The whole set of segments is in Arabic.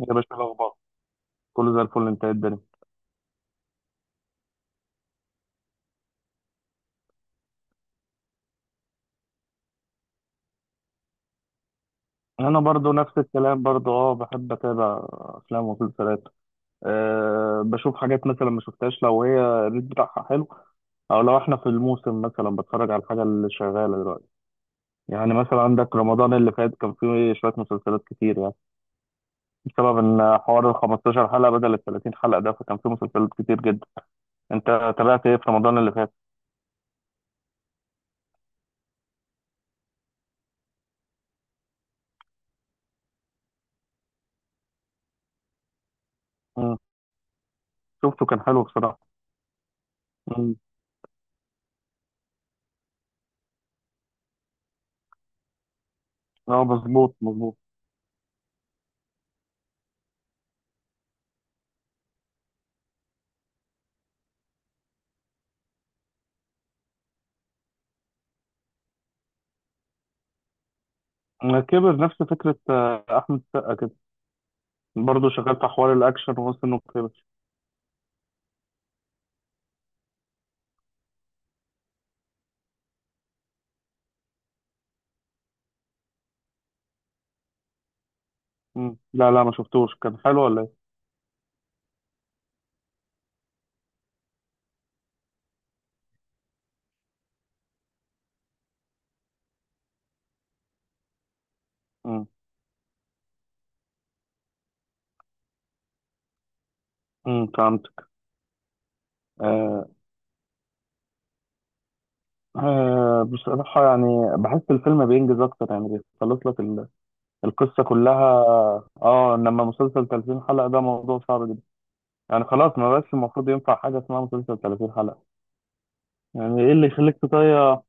يا باشا، الأخبار كله زي الفل. انت ايه الدنيا؟ أنا برضو نفس الكلام برضو، بحب أتابع أفلام ومسلسلات. أه بشوف حاجات مثلا ما شفتهاش لو هي الريت بتاعها حلو، أو لو احنا في الموسم مثلا بتفرج على الحاجة اللي شغالة دلوقتي. يعني مثلا عندك رمضان اللي فات كان فيه شوية مسلسلات كتير يعني، بسبب إن حوار ال 15 حلقة بدل ال 30 حلقة ده، فكان فيه مسلسلات كتير جدا. أنت تابعت ايه في رمضان اللي فات؟ مم. شفته كان حلو بصراحة. مم. اه، مظبوط مظبوط. كبر نفس فكرة، أحمد السقا كده، برضه شغال في حوار الأكشن ووصل إنه كبر. مم. لا لا، ما شفتوش. كان حلو ولا إيه؟ مم. فهمتك. آه آه، بصراحة يعني بحس الفيلم بينجز أكتر يعني، بيخلص لك القصة كلها. آه، إنما مسلسل 30 حلقة ده موضوع صعب جدا. يعني خلاص ما بقاش المفروض ينفع حاجة اسمها مسلسل 30 حلقة. يعني إيه اللي يخليك تضيع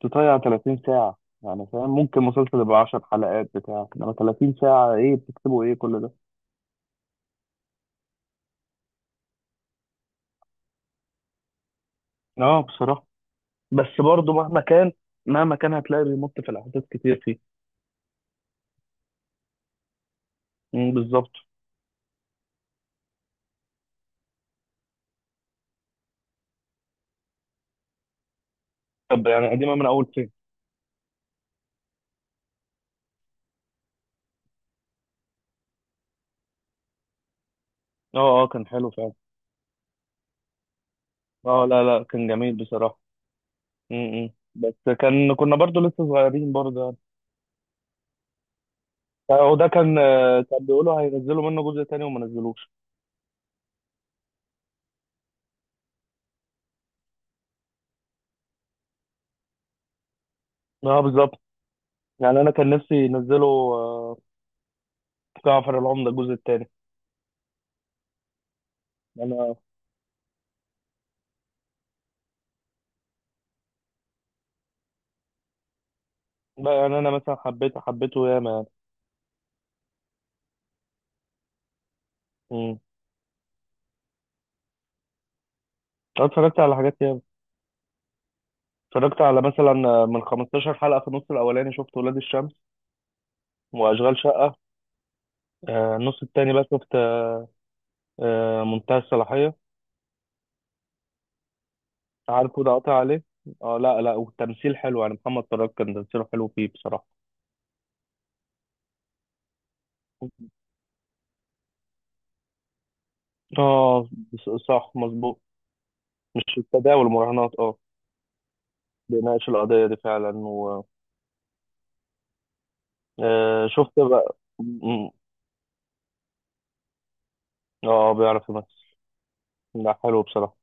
تضيع 30 ساعة؟ يعني فاهم، ممكن مسلسل يبقى 10 حلقات بتاع، إنما 30 ساعة إيه بتكتبوا إيه كل ده؟ اه بصراحة. بس برضه مهما كان، مهما كان هتلاقي بيمط في الأحداث كتير فيه. بالظبط. طب يعني قديمة من أول فين؟ اه اه، كان حلو فعلا. اه، لا لا، كان جميل بصراحة. بس، كنا برضه لسه صغيرين برضه يعني. وده كان بيقولوا هينزلوا منه جزء تاني وما نزلوش. اه بالظبط. يعني أنا كان نفسي ينزلوا جعفر العمدة الجزء التاني. أنا لا يعني أنا مثلا حبيته حبيته ياما يعني. مم. أنا اتفرجت على حاجات ياما. اتفرجت على مثلا من 15 حلقة في النص الأولاني شفت ولاد الشمس وأشغال شقة. النص التاني بقى شفت منتهى الصلاحية. عارفه ده قاطع عليه. اه لا لا، والتمثيل حلو، يعني محمد فراج كان تمثيله حلو فيه بصراحة. اه، صح مظبوط. مش التداول، المراهنات اه. بيناقش القضية دي فعلا و. شفت بقى اه بيعرف يمثل. لا حلو بصراحة.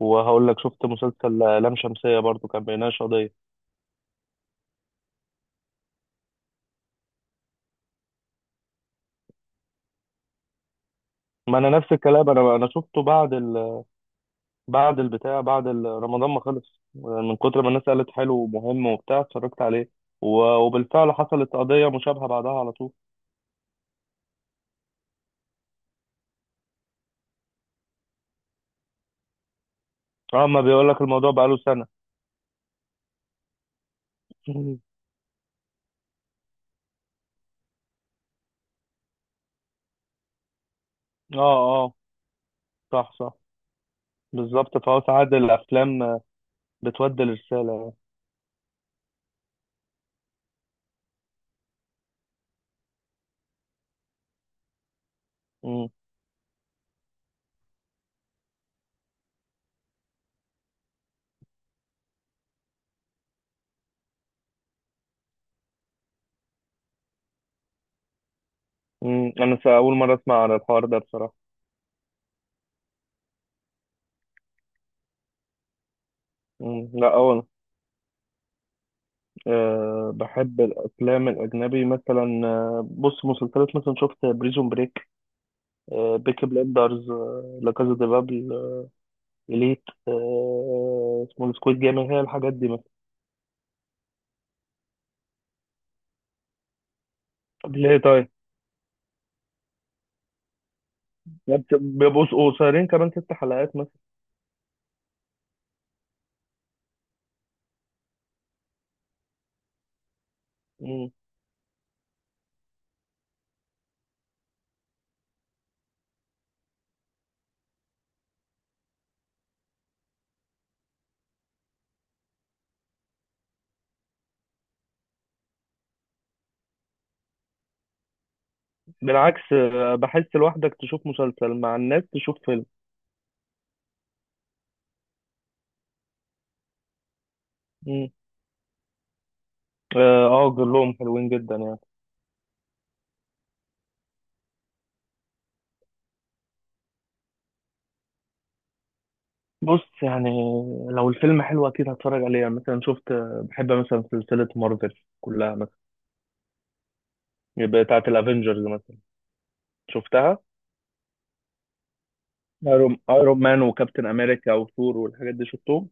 وهقول لك شفت مسلسل لام شمسية برضو، كان بيناقش قضية. ما انا نفس الكلام، انا شفته بعد بعد البتاع، بعد رمضان ما خلص، من كتر ما الناس قالت حلو ومهم وبتاع، اتفرجت عليه. وبالفعل حصلت قضية مشابهة بعدها على طول. اما بيقول لك الموضوع بقاله سنة. اه اه، صح صح. بالظبط، فهو ساعات الافلام بتودي الرسالة. مم. مم. انا اول مرة اسمع عن الحوار ده بصراحة. مم. لا، أه بحب الافلام الاجنبي، مثلا بص مسلسلات مثلا شفت بريزون بريك. أه بيكي بليندرز، أه لا، كازا دي بابل، إليت، اسمه إيه، سكويد جيم. هي الحاجات دي مثلا. طب ليه طيب؟ يعني بيبقوا قصيرين كمان ست حلقات مثلا. مم. بالعكس، بحس لوحدك تشوف مسلسل، مع الناس تشوف فيلم. مم. اه، كلهم حلوين جدا يعني. بص يعني، لو الفيلم حلو اكيد هتفرج عليه. يعني مثلا شفت آه، بحب مثلا سلسلة مارفل كلها مثلا، يبقى بتاعت الافينجرز مثلا. شفتها، ايرون مان وكابتن امريكا وثور والحاجات دي شفتهم.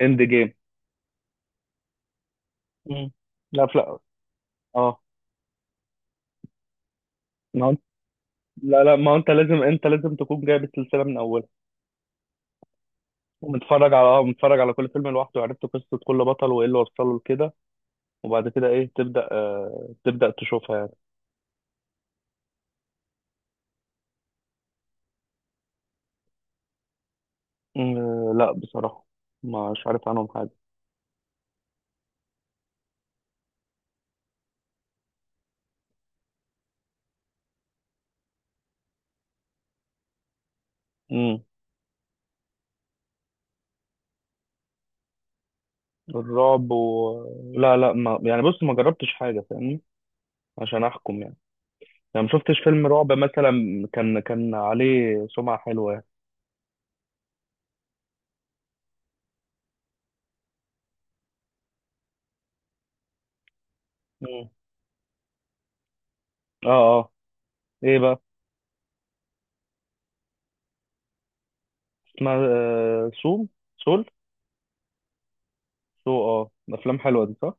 اند جيم. مم. لا لا. اه لا لا، ما هو انت لازم تكون جايب السلسله من اولها، ومتفرج على اه متفرج على كل فيلم لوحده، وعرفت قصه كل بطل وايه اللي وصله لكده، وبعد كده ايه تبدا تشوفها يعني. لا بصراحه مش عارف عنهم حاجه. امم. الرعب لا لا، ما يعني، بص، ما جربتش حاجه فاهمني عشان احكم يعني. يعني ما شفتش فيلم رعب مثلا كان عليه سمعه حلوه يعني. مم. اه اه. ايه بقى؟ اسمها سوم، سول، سو، افلام حلوه دي صح.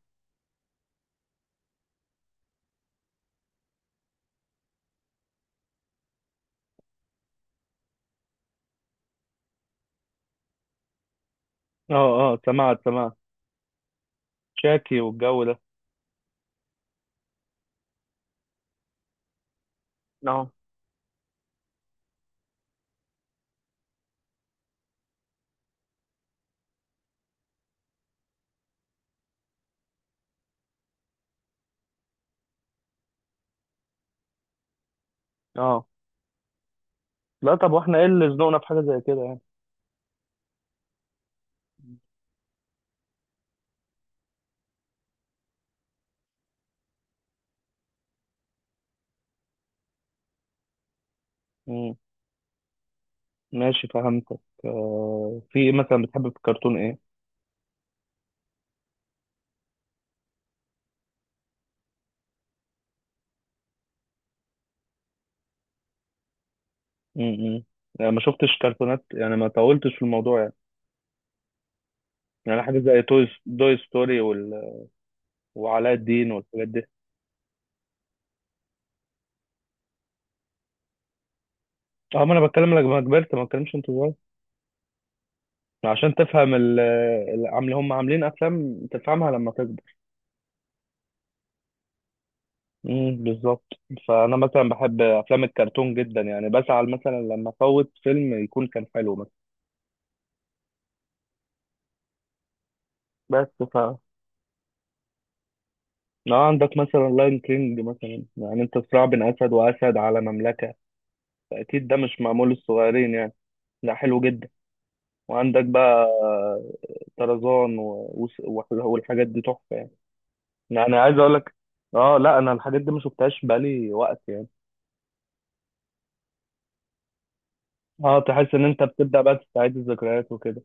اه اه، سمعت سمعت. شاكي والجو ده. اه اه. لا طب، واحنا ايه اللي زنقنا في حاجه زي كده يعني. مم. ماشي فهمتك. في ايه مثلا بتحب في الكرتون، ايه؟ مم. يعني ما شفتش كرتونات، يعني ما طولتش في الموضوع يعني. يعني حاجه زي توي دوي ستوري وعلاء الدين والحاجات دي. اه ما انا بتكلم لك لما كبرت، ما بتكلمش انت صغير، عشان تفهم هم عاملين افلام تفهمها لما تكبر. بالظبط. فانا مثلا بحب افلام الكرتون جدا، يعني بزعل مثلا لما افوت فيلم يكون كان حلو مثلا. بس لو عندك مثلا لاين كينج مثلا، يعني انت صراع بين اسد واسد على مملكه، فاكيد ده مش معمول للصغيرين يعني، ده حلو جدا. وعندك بقى طرزان، والحاجات دي تحفه يعني. يعني عايز اقول لك، اه لا، انا الحاجات دي ما شفتهاش بقالي وقت يعني. اه، تحس ان انت بتبدا بقى تستعيد الذكريات وكده.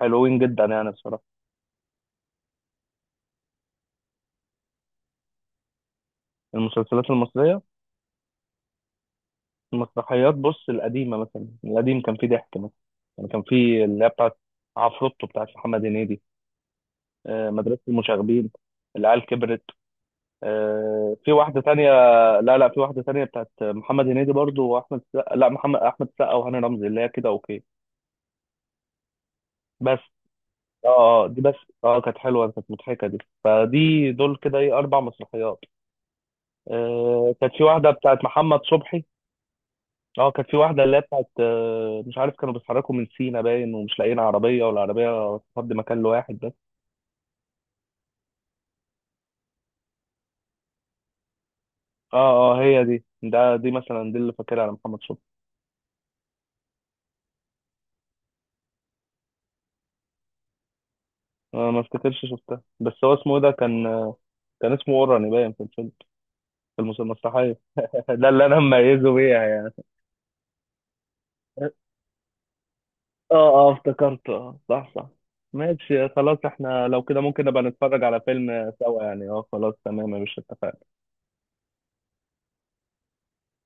حلوين جدا يعني بصراحه. المسلسلات المصريه؟ المسرحيات بص، القديمة مثلا القديم كان فيه ضحك مثلا، يعني كان فيه اللي هي بتاعت عفروتو بتاعت محمد هنيدي، مدرسة المشاغبين، العيال كبرت، في واحدة تانية. لا لا، في واحدة تانية بتاعت محمد هنيدي برضو وأحمد السقا، لا محمد، أحمد السقا وهاني رمزي، اللي هي كده أوكي بس. اه، دي بس. اه، كانت حلوة، كانت مضحكة دي. فدي دول كده ايه، أربع مسرحيات. كانت في واحدة بتاعت محمد صبحي. اه، كانت في واحدة اللي هي بتاعت مش عارف، كانوا بيتحركوا من سينا باين، ومش لاقيين عربية، والعربية تفضي مكان لواحد بس. اه اه، هي دي، ده دي مثلا، دي اللي فاكرها على محمد شكري. ما افتكرش شفتها، بس هو اسمه إيه ده كان؟ كان اسمه اوراني باين في الفيلم، في المسرحية. ده اللي انا مميزه بيها يعني. اه اه، افتكرت، اه صح صح. ماشي خلاص، احنا لو كده ممكن نبقى نتفرج على فيلم سوا يعني. اه خلاص تمام يا باشا، اتفقنا.